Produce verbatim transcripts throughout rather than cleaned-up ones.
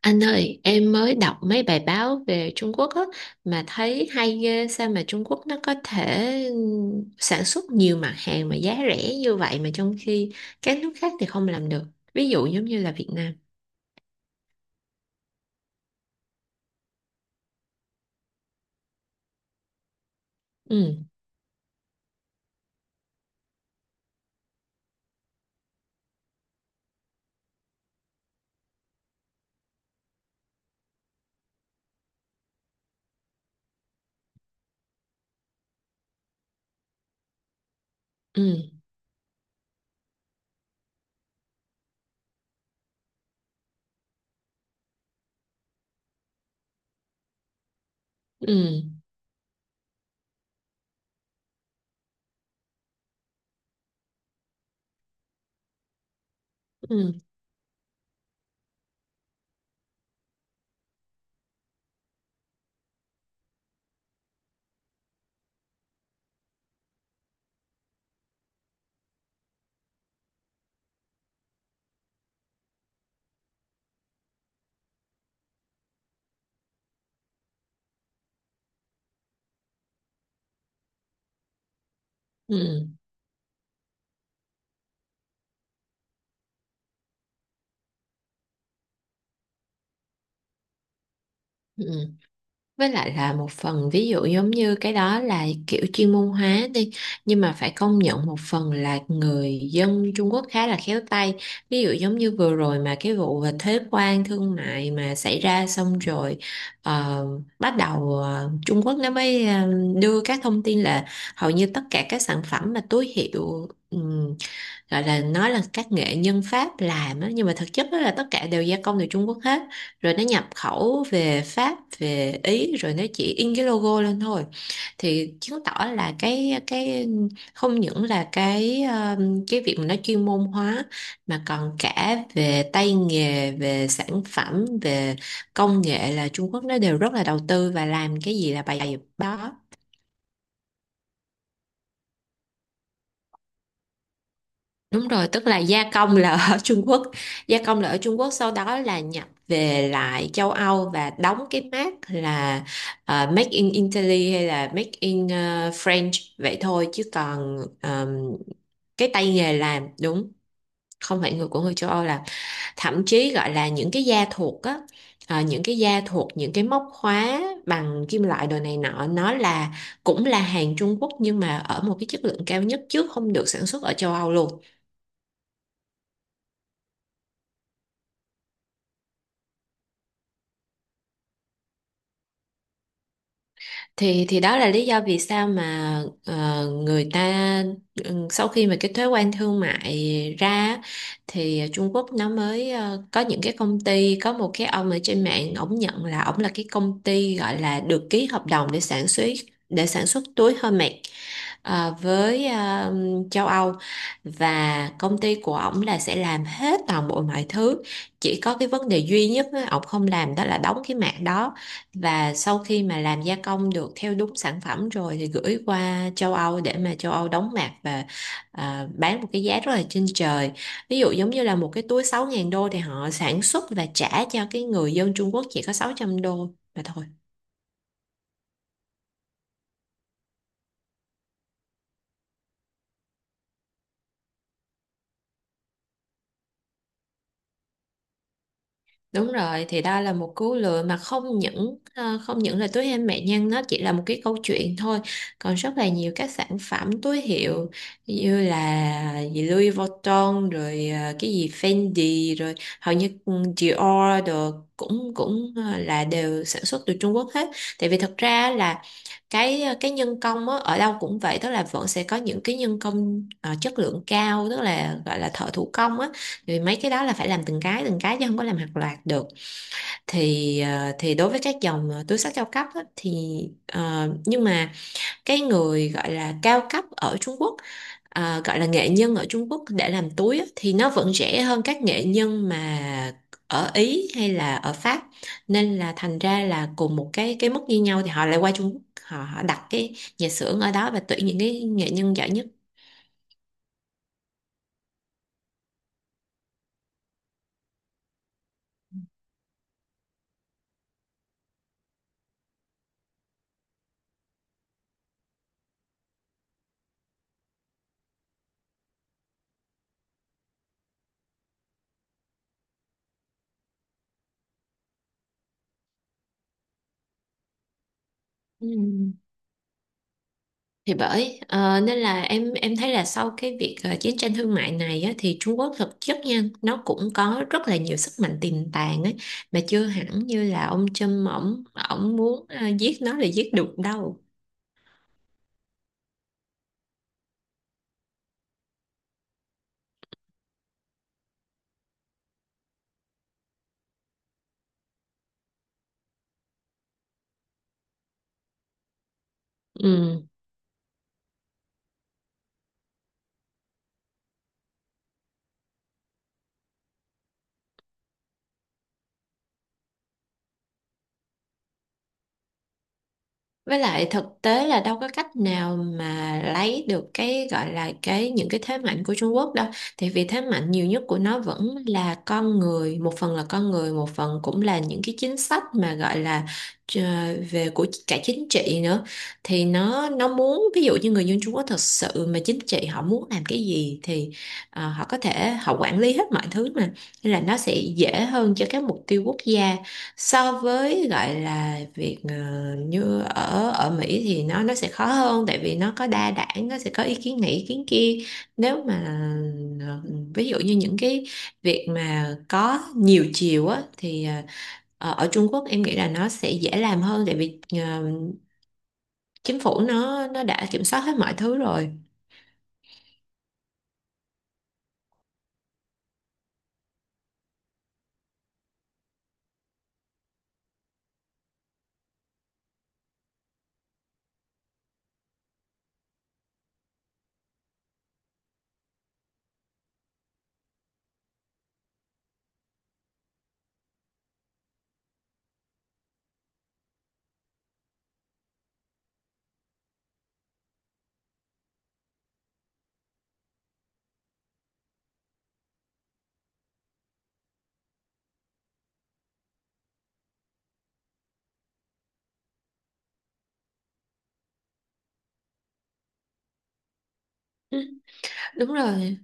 Anh ơi, em mới đọc mấy bài báo về Trung Quốc á, mà thấy hay ghê. Sao mà Trung Quốc nó có thể sản xuất nhiều mặt hàng mà giá rẻ như vậy mà trong khi các nước khác thì không làm được. Ví dụ giống như là Việt Nam. Ừ, ừ, ừ, ừ, ừ, ừ. Với lại là một phần ví dụ giống như cái đó là kiểu chuyên môn hóa đi, nhưng mà phải công nhận một phần là người dân Trung Quốc khá là khéo tay. Ví dụ giống như vừa rồi mà cái vụ về thuế quan thương mại mà xảy ra xong rồi, ờ, bắt đầu ờ, Trung Quốc nó mới ờ, đưa các thông tin là hầu như tất cả các sản phẩm mà túi hiệu, ừm, gọi là nói là các nghệ nhân Pháp làm á, nhưng mà thực chất đó là tất cả đều gia công từ Trung Quốc hết, rồi nó nhập khẩu về Pháp, về Ý, rồi nó chỉ in cái logo lên thôi. Thì chứng tỏ là cái cái không những là cái um, cái việc mà nó chuyên môn hóa, mà còn cả về tay nghề, về sản phẩm, về công nghệ là Trung Quốc nó đều rất là đầu tư và làm cái gì là bài đó. Đúng rồi, tức là gia công là ở Trung Quốc, gia công là ở Trung Quốc, sau đó là nhập về lại châu Âu và đóng cái mác là ờ, Make in Italy hay là Make in ờ, French, vậy thôi. Chứ còn ờm, cái tay nghề làm đúng không phải người của người châu Âu làm. Thậm chí gọi là những cái da thuộc á, ờ, những cái da thuộc, những cái móc khóa bằng kim loại đồ này nọ, nó là cũng là hàng Trung Quốc, nhưng mà ở một cái chất lượng cao nhất chứ không được sản xuất ở châu Âu luôn. Thì thì đó là lý do vì sao mà ờ, người ta, ừ, sau khi mà cái thuế quan thương mại ra á, thì Trung Quốc nó mới ờ, có những cái công ty, có một cái ông ở trên mạng ổng nhận là ổng là cái công ty gọi là được ký hợp đồng để sản xuất, để sản xuất túi Hermès ờ, với ờ, châu Âu, và công ty của ổng là sẽ làm hết toàn bộ mọi thứ. Chỉ có cái vấn đề duy nhất á, ổng không làm đó là đóng cái mảng đó. Và sau khi mà làm gia công được theo đúng sản phẩm rồi thì gửi qua châu Âu để mà châu Âu đóng mạc và ờ, bán một cái giá rất là trên trời. Ví dụ giống như là một cái túi sáu ngàn đô thì họ sản xuất và trả cho cái người dân Trung Quốc chỉ có sáu trăm đô mà thôi. Đúng rồi, thì đó là một cú lừa mà không những ờ, không những là túi hem mẹ nhân nó chỉ là một cái câu chuyện thôi, còn rất là nhiều các sản phẩm túi hiệu như là gì Louis Vuitton rồi, ờ, cái gì Fendi rồi, hầu như ừ, Dior đồ cũng cũng ờ, là đều sản xuất từ Trung Quốc hết. Tại vì thật ra là cái ờ, cái nhân công á, ở đâu cũng vậy, tức là vẫn sẽ có những cái nhân công ờ, chất lượng cao, tức là gọi là thợ thủ công á, vì mấy cái đó là phải làm từng cái từng cái chứ không có làm hàng loạt được. Thì ờ, thì đối với các dòng ờ, túi xách cao cấp á, thì ờ, nhưng mà cái người gọi là cao cấp ở Trung Quốc, ờ, gọi là nghệ nhân ở Trung Quốc để làm túi á, thì nó vẫn rẻ hơn các nghệ nhân mà ở Ý hay là ở Pháp. Nên là thành ra là cùng một cái cái mức như nhau thì họ lại qua Trung Quốc, họ, họ đặt cái nhà xưởng ở đó và tuyển những cái nghệ nhân giỏi nhất. Ừ. Thì bởi ờ, nên là em em thấy là sau cái việc ờ, chiến tranh thương mại này á, thì Trung Quốc thực chất nha, nó cũng có rất là nhiều sức mạnh tiềm tàng ấy, mà chưa hẳn như là ông Trump ổng, ổng muốn ờ, giết nó là giết được đâu. Ừ. Với lại thực tế là đâu có cách nào mà lấy được cái gọi là cái những cái thế mạnh của Trung Quốc đâu. Thì vì thế mạnh nhiều nhất của nó vẫn là con người, một phần là con người, một phần cũng là những cái chính sách mà gọi là ờ, về của cả chính trị nữa. Thì nó nó muốn ví dụ như người dân Trung Quốc thật sự mà chính trị họ muốn làm cái gì thì ờ, họ có thể họ quản lý hết mọi thứ mà. Nên là nó sẽ dễ hơn cho các mục tiêu quốc gia so với gọi là việc ờ, như ở ở Mỹ thì nó nó sẽ khó hơn tại vì nó có đa đảng, nó sẽ có ý kiến này ý kiến kia. Nếu mà ờ, ví dụ như những cái việc mà có nhiều chiều á thì ờ, ở ở Trung Quốc em nghĩ là nó sẽ dễ làm hơn, tại vì ờ, chính phủ nó nó đã kiểm soát hết mọi thứ rồi. Ừ, đúng rồi.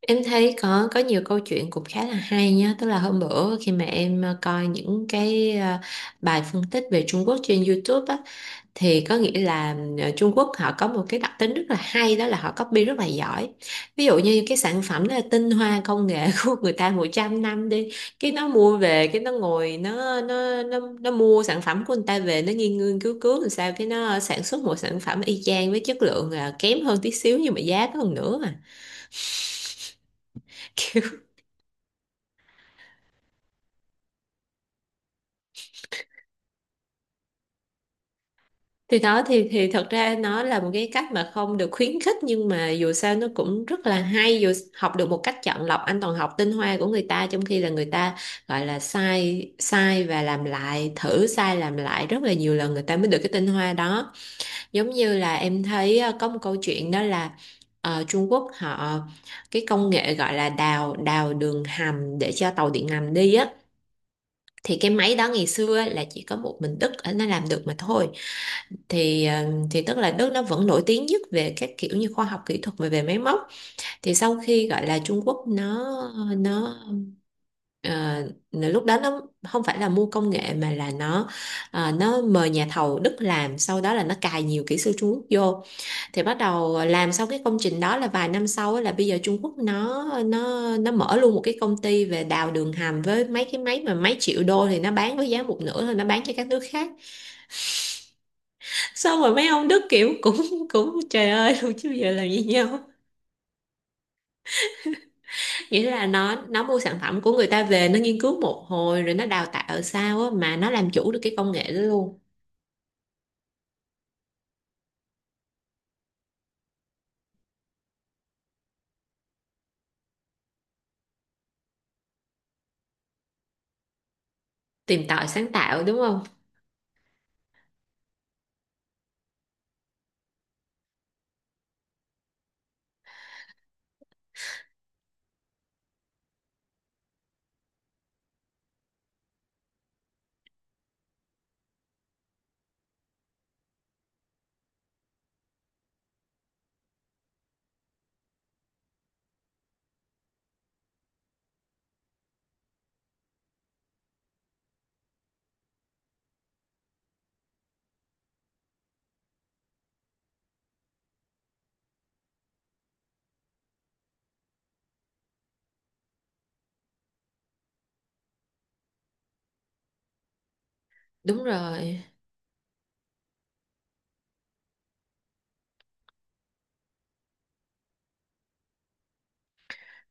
Em thấy có có nhiều câu chuyện cũng khá là hay nhá, tức là hôm bữa khi mà em ờ, coi những cái ờ, bài phân tích về Trung Quốc trên YouTube á, thì có nghĩa là ờ, Trung Quốc họ có một cái đặc tính rất là hay, đó là họ copy rất là giỏi. Ví dụ như cái sản phẩm đó là tinh hoa công nghệ của người ta một trăm năm đi, cái nó mua về, cái nó ngồi nó nó nó nó mua sản phẩm của người ta về, nó nghiên nghiên cứu cứu làm sao cái nó sản xuất một sản phẩm y chang với chất lượng là kém hơn tí xíu nhưng mà giá nó còn nữa mà. thì đó thì thì thật ra nó là một cái cách mà không được khuyến khích, nhưng mà dù sao nó cũng rất là hay, dù học được một cách chọn lọc. Anh toàn học tinh hoa của người ta, trong khi là người ta gọi là sai sai và làm lại, thử sai làm lại rất là nhiều lần người ta mới được cái tinh hoa đó. Giống như là em thấy ờ, có một câu chuyện đó là ờ, Trung Quốc họ, cái công nghệ gọi là đào đào đường hầm để cho tàu điện ngầm đi á, thì cái máy đó ngày xưa là chỉ có một mình Đức nó làm được mà thôi. Thì ờ, thì tức là Đức nó vẫn nổi tiếng nhất về các kiểu như khoa học kỹ thuật về về máy móc. Thì sau khi gọi là Trung Quốc nó nó ờ, lúc đó nó không phải là mua công nghệ, mà là nó ờ, nó mời nhà thầu Đức làm, sau đó là nó cài nhiều kỹ sư Trung Quốc vô. Thì bắt đầu ờ, làm xong cái công trình đó là vài năm sau á, là bây giờ Trung Quốc nó nó nó mở luôn một cái công ty về đào đường hầm. Với mấy cái máy mà mấy triệu đô thì nó bán với giá một nửa thôi, nó bán cho các nước khác. Xong rồi mấy ông Đức kiểu cũng cũng trời ơi luôn, chứ giờ làm gì nhau. Nghĩa là nó nó mua sản phẩm của người ta về, nó nghiên cứu một hồi rồi nó đào tạo sao á mà nó làm chủ được cái công nghệ đó luôn. Tìm tòi sáng tạo đúng không. Đúng rồi.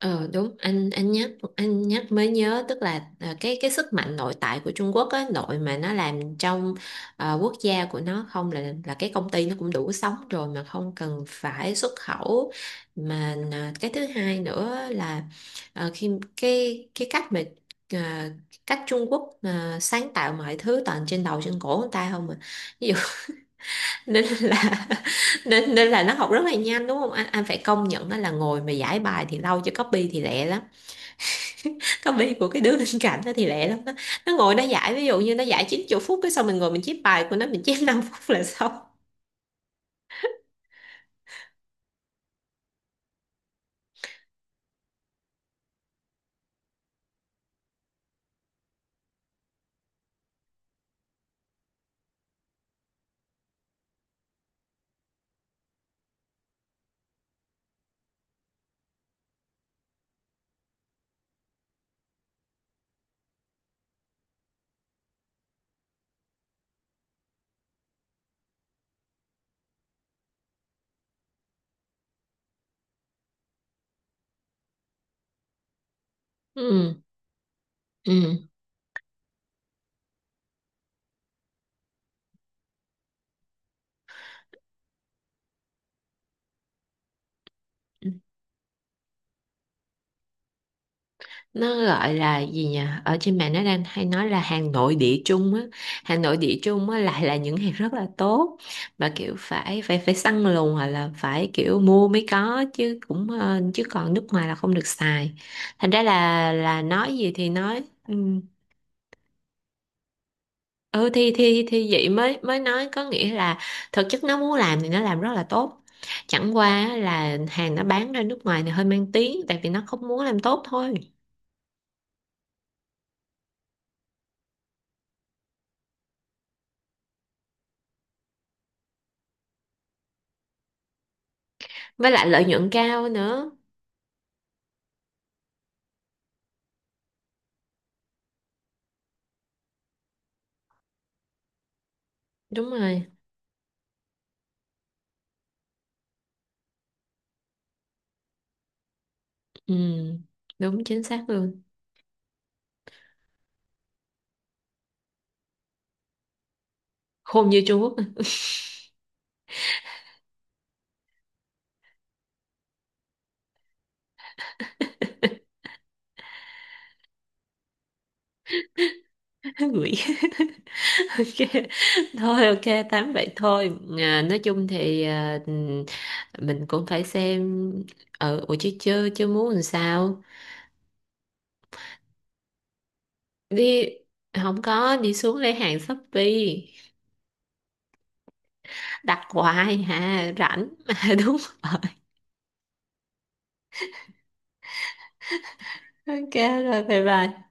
Ờ đúng, anh anh nhắc, anh nhắc mới nhớ, tức là à, cái cái sức mạnh nội tại của Trung Quốc á, nội mà nó làm trong ờ, quốc gia của nó không là là cái công ty nó cũng đủ sống rồi mà không cần phải xuất khẩu mà. À, cái thứ hai nữa là ờ, khi cái cái cách mà à, cách Trung Quốc à, sáng tạo mọi thứ toàn trên đầu trên cổ người ta không mà. Ví dụ nên là, nên nên là nó học rất là nhanh, đúng không anh. Anh phải công nhận nó là ngồi mà giải bài thì lâu, chứ copy thì lẹ lắm, copy của cái đứa bên cạnh đó thì lẹ lắm đó. Nó ngồi nó giải ví dụ như nó giải chín mươi phút, cái xong mình ngồi mình chép bài của nó mình chép năm phút là xong. Ừ. Ừ. Nó gọi là gì nhỉ, ở trên mạng nó đang hay nói là hàng nội địa Trung á, hàng nội địa Trung á lại là những hàng rất là tốt, và kiểu phải phải phải săn lùng hoặc là phải kiểu mua mới có, chứ cũng ờ, chứ còn nước ngoài là không được xài. Thành ra là là nói gì thì nói. Ừ. ừ thì thì thì vậy mới mới nói, có nghĩa là thực chất nó muốn làm thì nó làm rất là tốt, chẳng qua á là hàng nó bán ra nước ngoài thì hơi mang tiếng, tại vì nó không muốn làm tốt thôi. Với lại lợi nhuận cao nữa. Đúng rồi. Ừ đúng, chính xác luôn. Khôn như Trung Quốc à. Quỷ. Ok, thôi ok tám vậy thôi. À, nói chung thì à, mình cũng phải xem. Ở ừ, ủa chứ chưa chưa muốn làm sao. Đi. Không có, đi xuống lấy hàng Shopee. Đặt hoài hà, rảnh mà. Đúng rồi. Ok. Rồi bye bye.